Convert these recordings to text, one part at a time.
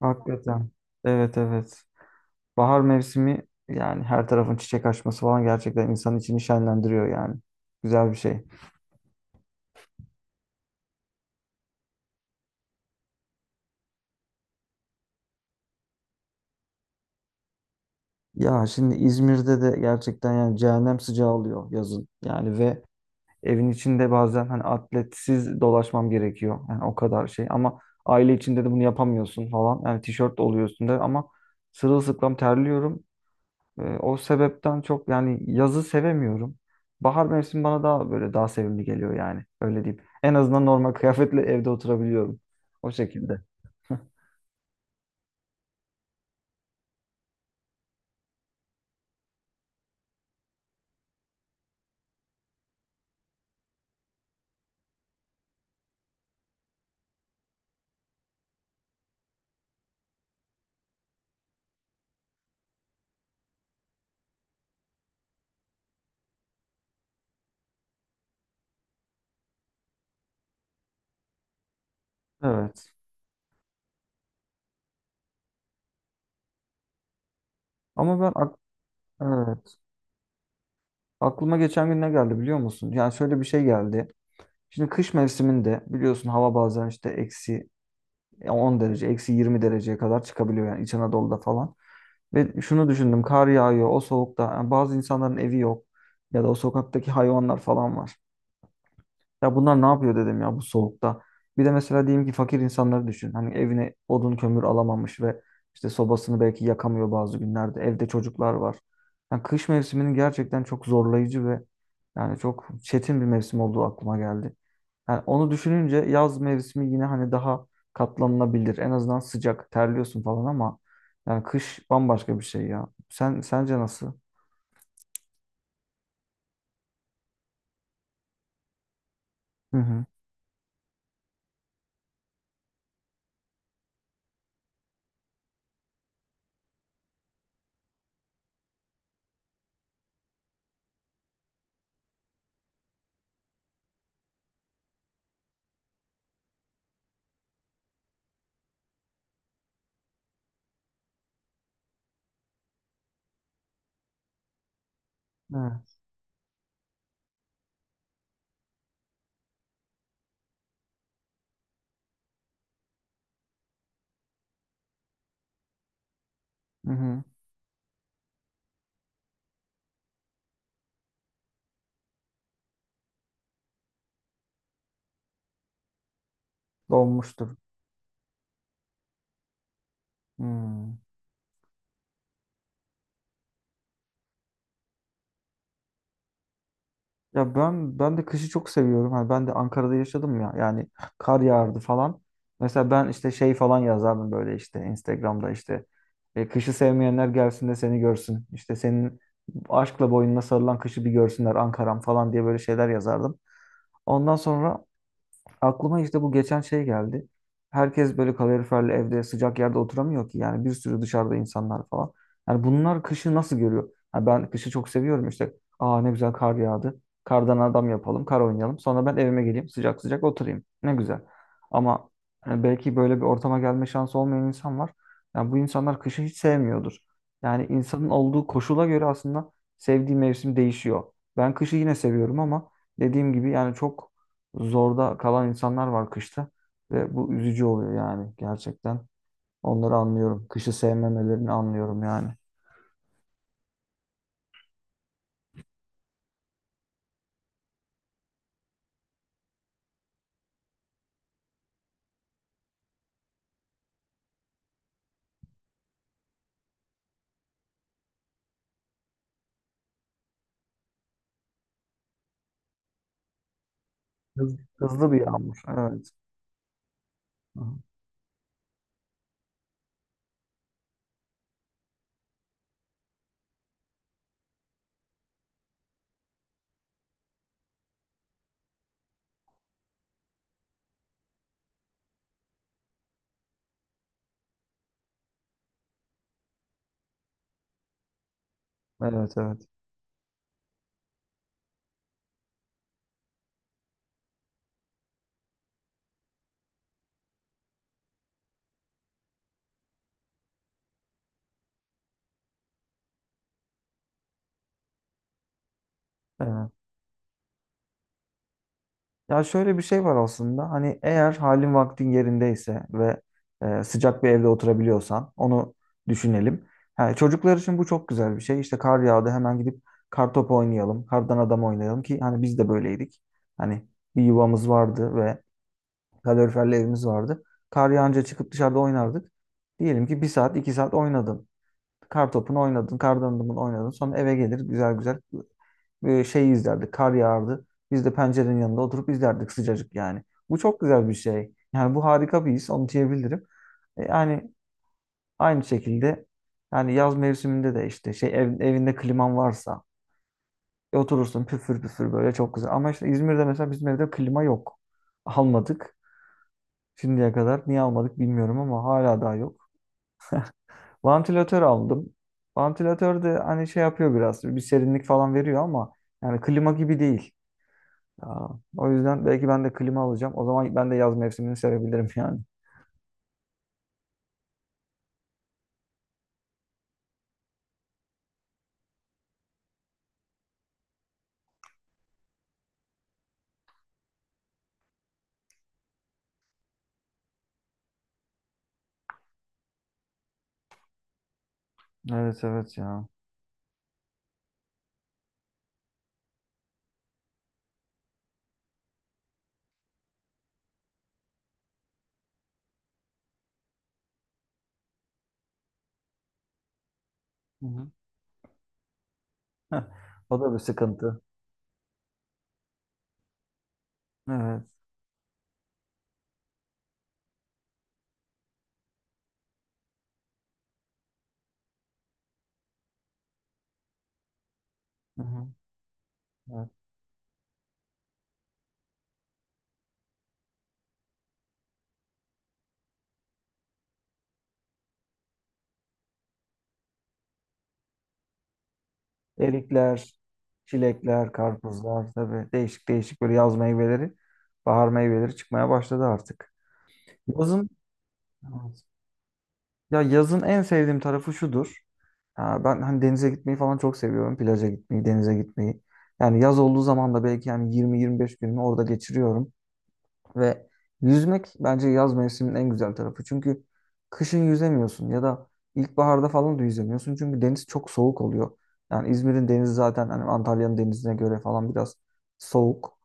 Hakikaten. Evet evet. Bahar mevsimi yani her tarafın çiçek açması falan gerçekten insanın içini şenlendiriyor yani. Güzel bir şey. Ya şimdi İzmir'de de gerçekten yani cehennem sıcağı oluyor yazın. Yani ve evin içinde bazen hani atletsiz dolaşmam gerekiyor. Yani o kadar şey ama aile içinde de bunu yapamıyorsun falan. Yani tişört oluyor üstünde ama sırılsıklam terliyorum. O sebepten çok yani yazı sevemiyorum. Bahar mevsimi bana daha böyle daha sevimli geliyor yani. Öyle diyeyim. En azından normal kıyafetle evde oturabiliyorum. O şekilde. Evet. Ama ben ak- evet. Aklıma geçen gün ne geldi biliyor musun? Yani şöyle bir şey geldi. Şimdi kış mevsiminde biliyorsun hava bazen işte eksi 10 derece, eksi 20 dereceye kadar çıkabiliyor yani İç Anadolu'da falan. Ve şunu düşündüm, kar yağıyor o soğukta. Yani bazı insanların evi yok ya da o sokaktaki hayvanlar falan var. Ya bunlar ne yapıyor dedim ya bu soğukta. Bir de mesela diyelim ki fakir insanları düşün. Hani evine odun kömür alamamış ve işte sobasını belki yakamıyor bazı günlerde. Evde çocuklar var. Yani kış mevsiminin gerçekten çok zorlayıcı ve yani çok çetin bir mevsim olduğu aklıma geldi. Yani onu düşününce yaz mevsimi yine hani daha katlanılabilir. En azından sıcak, terliyorsun falan ama yani kış bambaşka bir şey ya. Sen sence nasıl? Hı hı. Evet. Hı hı. Donmuştur. Hmm. Ya ben de kışı çok seviyorum. Hani ben de Ankara'da yaşadım ya. Yani kar yağardı falan. Mesela ben işte şey falan yazardım böyle işte Instagram'da işte kışı sevmeyenler gelsin de seni görsün. İşte senin aşkla boynuna sarılan kışı bir görsünler Ankara'm falan diye böyle şeyler yazardım. Ondan sonra aklıma işte bu geçen şey geldi. Herkes böyle kaloriferli evde sıcak yerde oturamıyor ki. Yani bir sürü dışarıda insanlar falan. Yani bunlar kışı nasıl görüyor? Ha ben kışı çok seviyorum işte. Aa ne güzel kar yağdı. Kardan adam yapalım, kar oynayalım. Sonra ben evime geleyim, sıcak sıcak oturayım. Ne güzel. Ama yani belki böyle bir ortama gelme şansı olmayan insan var. Yani bu insanlar kışı hiç sevmiyordur. Yani insanın olduğu koşula göre aslında sevdiği mevsim değişiyor. Ben kışı yine seviyorum ama dediğim gibi yani çok zorda kalan insanlar var kışta ve bu üzücü oluyor yani gerçekten. Onları anlıyorum. Kışı sevmemelerini anlıyorum yani. Hızlı bir yağmur. Evet. Hı. Evet, evet, evet. Ya şöyle bir şey var aslında. Hani eğer halin vaktin yerindeyse ve sıcak bir evde oturabiliyorsan onu düşünelim. Yani çocuklar için bu çok güzel bir şey. İşte kar yağdı hemen gidip kar topu oynayalım, kardan adam oynayalım ki hani biz de böyleydik. Hani bir yuvamız vardı ve kaloriferli evimiz vardı. Kar yağınca çıkıp dışarıda oynardık. Diyelim ki bir saat, iki saat oynadın. Kar topunu oynadın, kar dandımını oynadın. Sonra eve gelir güzel güzel şeyi izlerdik. Kar yağardı. Biz de pencerenin yanında oturup izlerdik sıcacık yani. Bu çok güzel bir şey. Yani bu harika bir his, onu diyebilirim. Yani aynı şekilde yani yaz mevsiminde de işte şey evinde kliman varsa oturursun püfür püfür böyle çok güzel. Ama işte İzmir'de mesela bizim evde klima yok. Almadık. Şimdiye kadar niye almadık bilmiyorum ama hala daha yok. Vantilatör aldım. Vantilatör de hani şey yapıyor biraz. Bir serinlik falan veriyor ama yani klima gibi değil. Aa, o yüzden belki ben de klima alacağım. O zaman ben de yaz mevsimini sevebilirim yani. Evet evet ya. Hı hı. O da bir sıkıntı. Evet. Hı hı. Evet. Erikler, çilekler, karpuzlar tabii değişik değişik böyle yaz meyveleri, bahar meyveleri çıkmaya başladı artık. Yazın Evet. Ya yazın en sevdiğim tarafı şudur. Ha, ben hani denize gitmeyi falan çok seviyorum. Plaja gitmeyi, denize gitmeyi. Yani yaz olduğu zaman da belki yani 20-25 günümü orada geçiriyorum. Ve yüzmek bence yaz mevsiminin en güzel tarafı. Çünkü kışın yüzemiyorsun ya da ilkbaharda falan da yüzemiyorsun. Çünkü deniz çok soğuk oluyor. Yani İzmir'in denizi zaten hani Antalya'nın denizine göre falan biraz soğuk.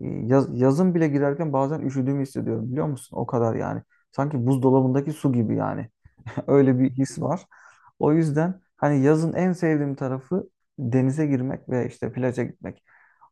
Yazın bile girerken bazen üşüdüğümü hissediyorum biliyor musun? O kadar yani. Sanki buzdolabındaki su gibi yani. Öyle bir his var. O yüzden hani yazın en sevdiğim tarafı denize girmek ve işte plaja gitmek.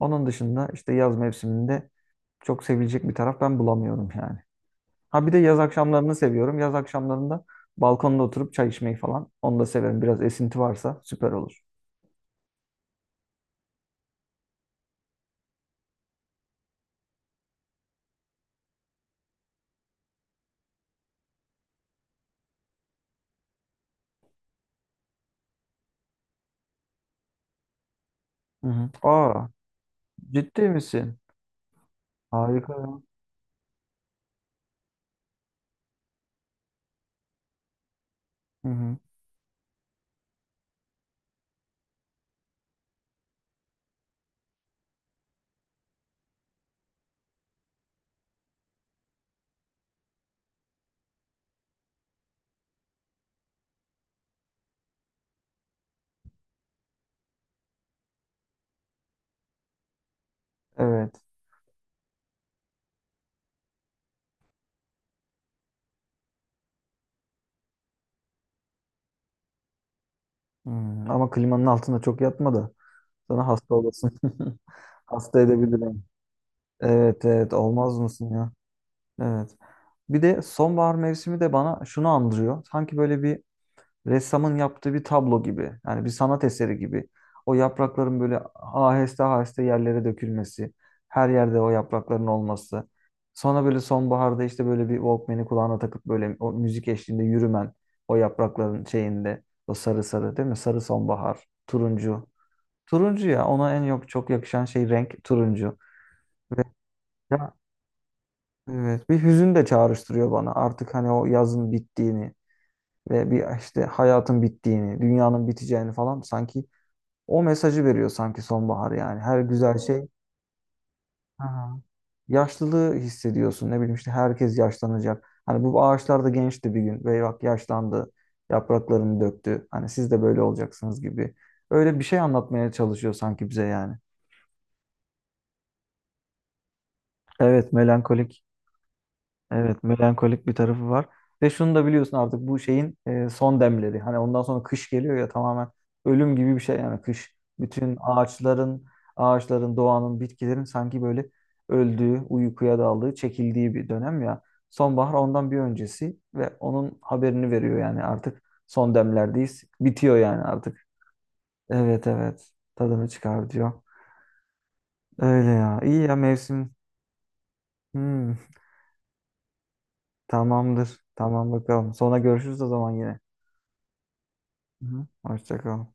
Onun dışında işte yaz mevsiminde çok sevilecek bir taraf ben bulamıyorum yani. Ha bir de yaz akşamlarını seviyorum. Yaz akşamlarında balkonda oturup çay içmeyi falan. Onu da severim. Biraz esinti varsa süper olur. Hı hı. Aa, ciddi misin? Harika ya. Hı hı. Evet. Ama klimanın altında çok yatma da sana hasta olasın. Hasta edebilirim. Evet evet olmaz mısın ya? Evet. Bir de sonbahar mevsimi de bana şunu andırıyor. Sanki böyle bir ressamın yaptığı bir tablo gibi. Yani bir sanat eseri gibi. O yaprakların böyle aheste aheste yerlere dökülmesi. Her yerde o yaprakların olması. Sonra böyle sonbaharda işte böyle bir Walkman'i kulağına takıp böyle o müzik eşliğinde yürümen. O yaprakların şeyinde. O sarı sarı değil mi? Sarı sonbahar. Turuncu. Turuncu ya ona en yok çok yakışan şey renk turuncu. Ve ya, evet bir hüzün de çağrıştırıyor bana. Artık hani o yazın bittiğini. Ve bir işte hayatın bittiğini, dünyanın biteceğini falan sanki o mesajı veriyor sanki sonbahar yani. Her güzel şey Aha. Yaşlılığı hissediyorsun. Ne bileyim işte herkes yaşlanacak. Hani bu ağaçlar da gençti bir gün ve bak yaşlandı. Yapraklarını döktü. Hani siz de böyle olacaksınız gibi. Öyle bir şey anlatmaya çalışıyor sanki bize yani. Evet, melankolik. Evet, melankolik bir tarafı var. Ve şunu da biliyorsun artık bu şeyin son demleri. Hani ondan sonra kış geliyor ya tamamen ölüm gibi bir şey yani kış. Bütün ağaçların, doğanın, bitkilerin sanki böyle öldüğü, uykuya daldığı, çekildiği bir dönem ya. Sonbahar ondan bir öncesi ve onun haberini veriyor yani artık son demlerdeyiz. Bitiyor yani artık. Evet evet. Tadını çıkar diyor. Öyle ya. İyi ya mevsim. Hmm, Tamamdır. Tamam bakalım. Sonra görüşürüz o zaman yine. Hı hı. Hoşça kal.